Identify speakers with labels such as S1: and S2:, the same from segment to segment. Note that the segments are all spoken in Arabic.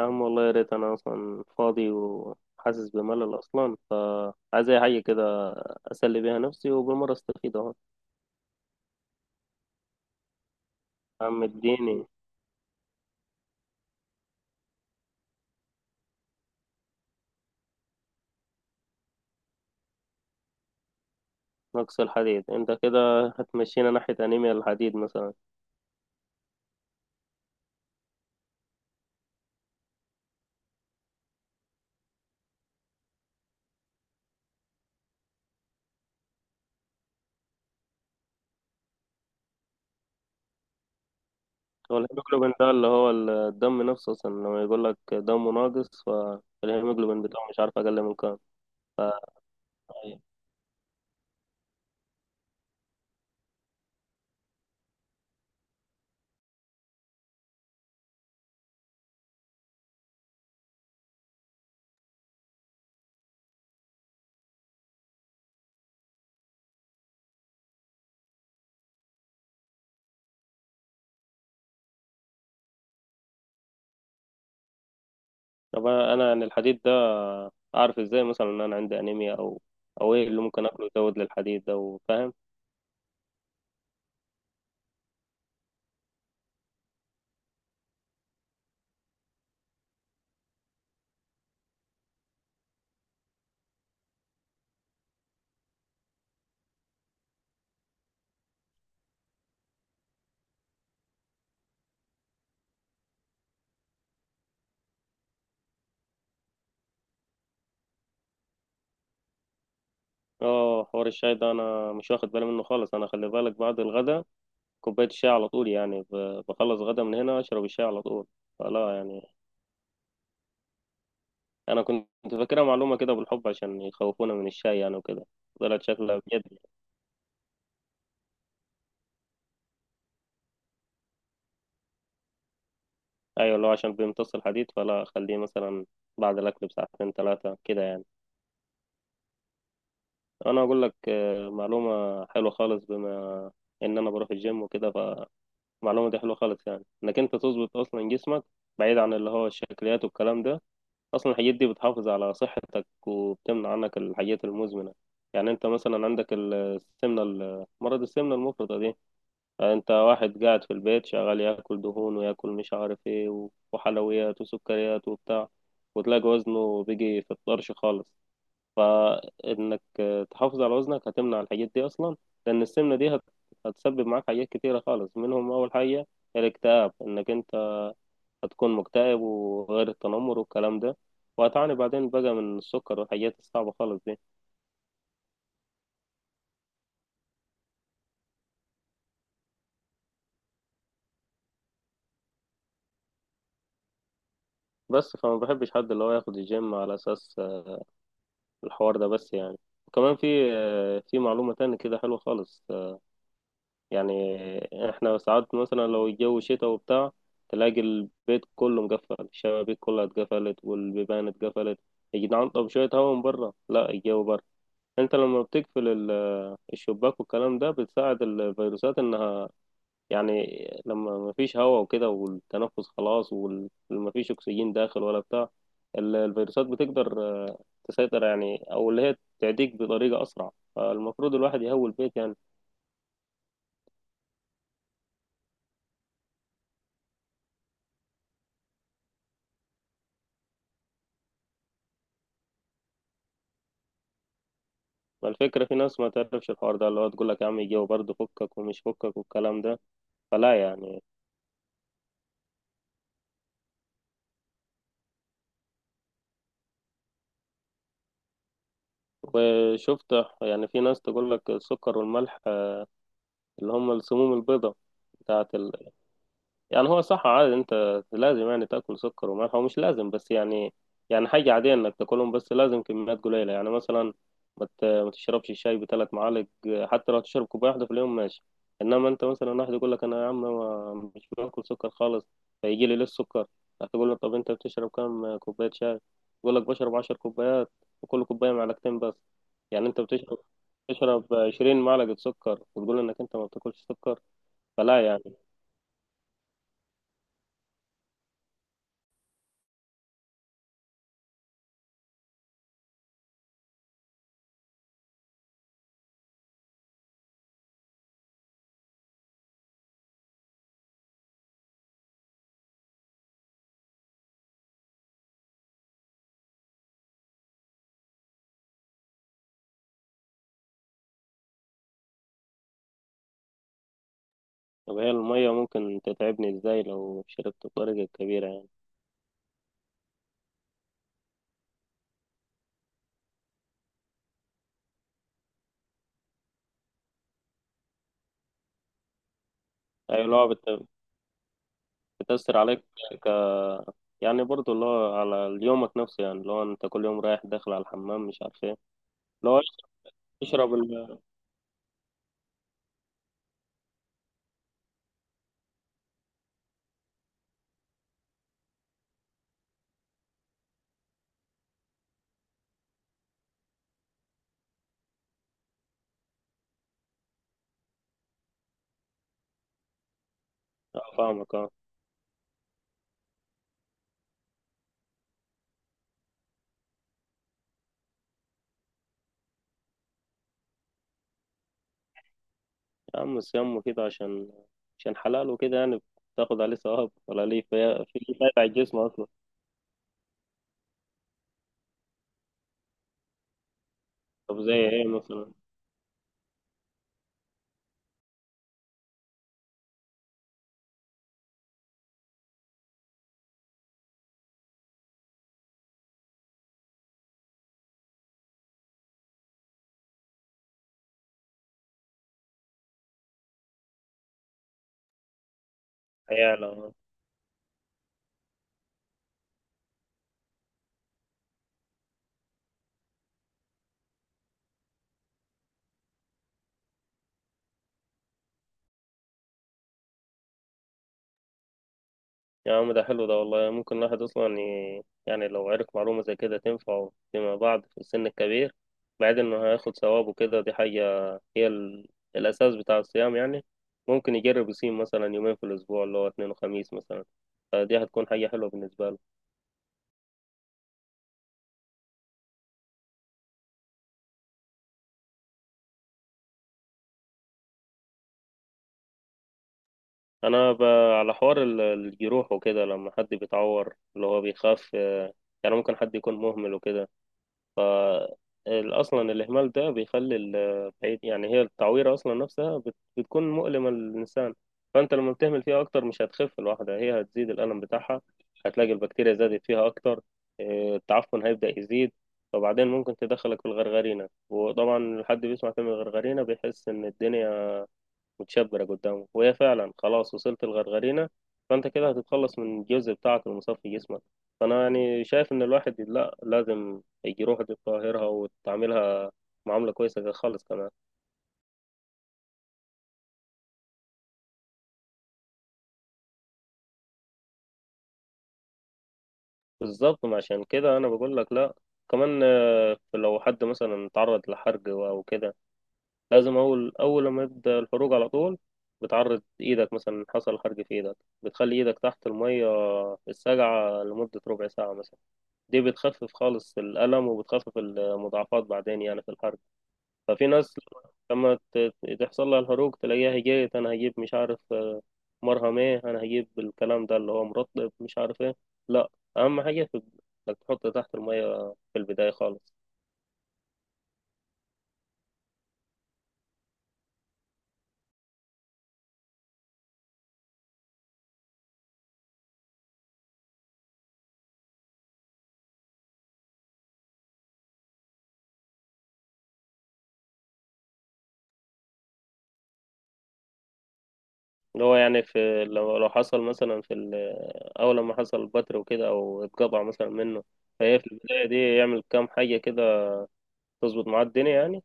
S1: يا عم، والله يا ريت انا اصلا فاضي وحاسس بملل اصلا، فعايز اي حاجه كده اسلي بيها نفسي وبالمره استفيد اهو. يا عم اديني. نقص الحديد؟ انت كده هتمشينا ناحيه انيميا الحديد مثلا. هو الهيموجلوبين ده اللي هو الدم نفسه اصلا، لما يقول لك دمه ناقص فالهيموجلوبين بتاعه، مش عارف اقل من كام؟ ف... طب انا عن الحديد ده، اعرف ازاي مثلا ان انا عندي انيميا، او ايه اللي ممكن اكله يزود للحديد ده؟ فاهم؟ اه، حوار الشاي ده انا مش واخد بالي منه خالص. انا خلي بالك، بعد الغدا كوبايه الشاي على طول يعني، بخلص غدا من هنا اشرب الشاي على طول، فلا يعني. انا كنت فاكرها معلومه كده بالحب، عشان يخوفونا من الشاي يعني وكده، طلعت شكلها بجد. ايوه، اللي هو عشان بيمتص الحديد، فلا خليه مثلا بعد الاكل بساعتين 3 كده يعني. انا اقول لك معلومه حلوه خالص، بما ان انا بروح الجيم وكده، فمعلومه دي حلوه خالص يعني انك انت تظبط اصلا جسمك، بعيد عن اللي هو الشكليات والكلام ده. اصلا الحاجات دي بتحافظ على صحتك وبتمنع عنك الحاجات المزمنه. يعني انت مثلا عندك السمنه، مرض السمنه المفرطه دي. يعني انت واحد قاعد في البيت شغال ياكل دهون وياكل مش عارف ايه و- وحلويات وسكريات وبتاع، وتلاقي وزنه بيجي في الطرش خالص. فانك تحافظ على وزنك هتمنع الحاجات دي اصلا، لان السمنه دي هتسبب معاك حاجات كتيره خالص. منهم اول حاجه الاكتئاب، انك انت هتكون مكتئب، وغير التنمر والكلام ده، وهتعاني بعدين بقى من السكر والحاجات الصعبة خالص دي. بس فما بحبش حد اللي هو ياخد الجيم على أساس الحوار ده بس يعني. وكمان في معلومة تانية كده حلوة خالص. يعني احنا ساعات مثلا لو الجو شتاء وبتاع، تلاقي البيت كله مقفل، الشبابيك كلها اتقفلت والبيبان اتقفلت. يا جدعان، طب شوية هوا من بره. لا الجو بره. انت لما بتقفل الشباك والكلام ده، بتساعد الفيروسات انها يعني لما مفيش هواء وكده والتنفس خلاص ومفيش أكسجين داخل ولا بتاع، الفيروسات بتقدر تسيطر يعني، أو اللي هي تعديك بطريقة أسرع، فالمفروض الواحد يهوي البيت يعني. ما الفكرة في ناس ما تعرفش الحوار ده، اللي هو تقول لك يا عم الجو برد فكك ومش فكك والكلام ده، فلا يعني. وشفت، يعني في ناس تقول لك السكر والملح اللي هم السموم البيضاء بتاعت يعني هو صح عادي، انت لازم يعني تاكل سكر وملح، هو مش لازم بس يعني، حاجه عاديه انك تاكلهم، بس لازم كميات قليله يعني مثلا. ما تشربش الشاي بثلاث معالق. حتى لو تشرب كوبايه واحده في اليوم ماشي. انما انت مثلا واحد يقول لك انا يا عم مش باكل سكر خالص، فيجي لي ليه السكر؟ هتقول له طب انت بتشرب كام كوبايه شاي؟ يقول لك بشرب 10 كوبايات، وكل كوبايه معلقتين بس. يعني انت بتشرب 20 معلقه سكر، وتقول انك انت ما بتاكلش سكر، فلا يعني. طب هي المية ممكن تتعبني ازاي لو شربت بطريقة كبيرة يعني؟ أي لو بتأثر عليك. ك... يعني برضو اللي هو على يومك نفسه يعني، لو أنت كل يوم رايح داخل على الحمام مش عارف ايه. لو تشرب ال آه، فاهمك اه. يا عم الصيام مفيد عشان حلال وكده يعني، بتاخد عليه ثواب، ولا ليه في فايدة على الجسم أصلا؟ طب زي ايه مثلا؟ هيعلى. يا عم ده حلو ده والله، ممكن الواحد أصلا يعني لو عرف معلومة زي كده تنفعه فيما بعد في السن الكبير، بعد إنه هياخد ثواب وكده. دي حاجة هي الأساس بتاع الصيام يعني. ممكن يجرب يصيم مثلا يومين في الأسبوع، اللي هو اثنين وخميس مثلا، فدي هتكون حاجة حلوة بالنسبة له. أنا ب... على حوار الجروح وكده لما حد بيتعور، اللي هو بيخاف يعني ممكن حد يكون مهمل وكده. ف اصلا الاهمال ده بيخلي بعيد يعني. هي التعويره اصلا نفسها بتكون مؤلمه للانسان. فانت لما بتهمل فيها اكتر مش هتخف الواحده، هي هتزيد الالم بتاعها، هتلاقي البكتيريا زادت فيها اكتر. إيه، التعفن هيبدا يزيد. فبعدين ممكن تدخلك في الغرغرينه، وطبعا الحد بيسمع كلمه غرغرينه بيحس ان الدنيا متشبرة قدامه، وهي فعلا خلاص وصلت الغرغرينة. فأنت كده هتتخلص من الجزء بتاعك المصفي جسمك. فأنا يعني شايف إن الواحد لا، لازم يروح يطهرها وتعملها معاملة كويسة كده خالص كمان. بالظبط، ما عشان كده أنا بقول لك لا. كمان لو حد مثلا تعرض لحرق أو كده، لازم أول، أول لما يبدأ الحروق على طول، بتعرض إيدك مثلا، حصل حرق في إيدك، بتخلي إيدك تحت المية الساقعة لمدة ربع ساعة مثلا. دي بتخفف خالص الألم، وبتخفف المضاعفات بعدين يعني في الحرق. ففي ناس لما تحصل لها الحروق، تلاقيها هجيت أنا هجيب مش عارف مرهم إيه، أنا هجيب الكلام ده اللي هو مرطب مش عارف إيه. لا، أهم حاجة في إنك تحط تحت المية في البداية خالص. اللي هو يعني في لو حصل مثلا في أول لما حصل بتر وكده أو اتقطع مثلا منه، فهي في البداية دي يعمل كام حاجة كده تظبط معاه الدنيا يعني.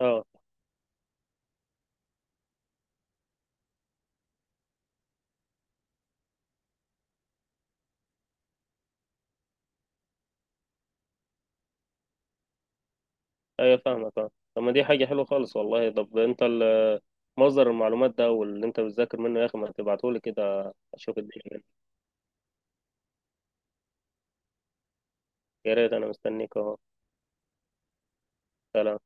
S1: اه ايوه، فاهمك فاهم. طب ما دي حاجة حلوة خالص والله. طب انت مصدر المعلومات ده واللي انت بتذاكر منه يا اخي، ما تبعتهولي كده اشوف الدنيا منه. يا ريت انا مستنيك اهو. سلام.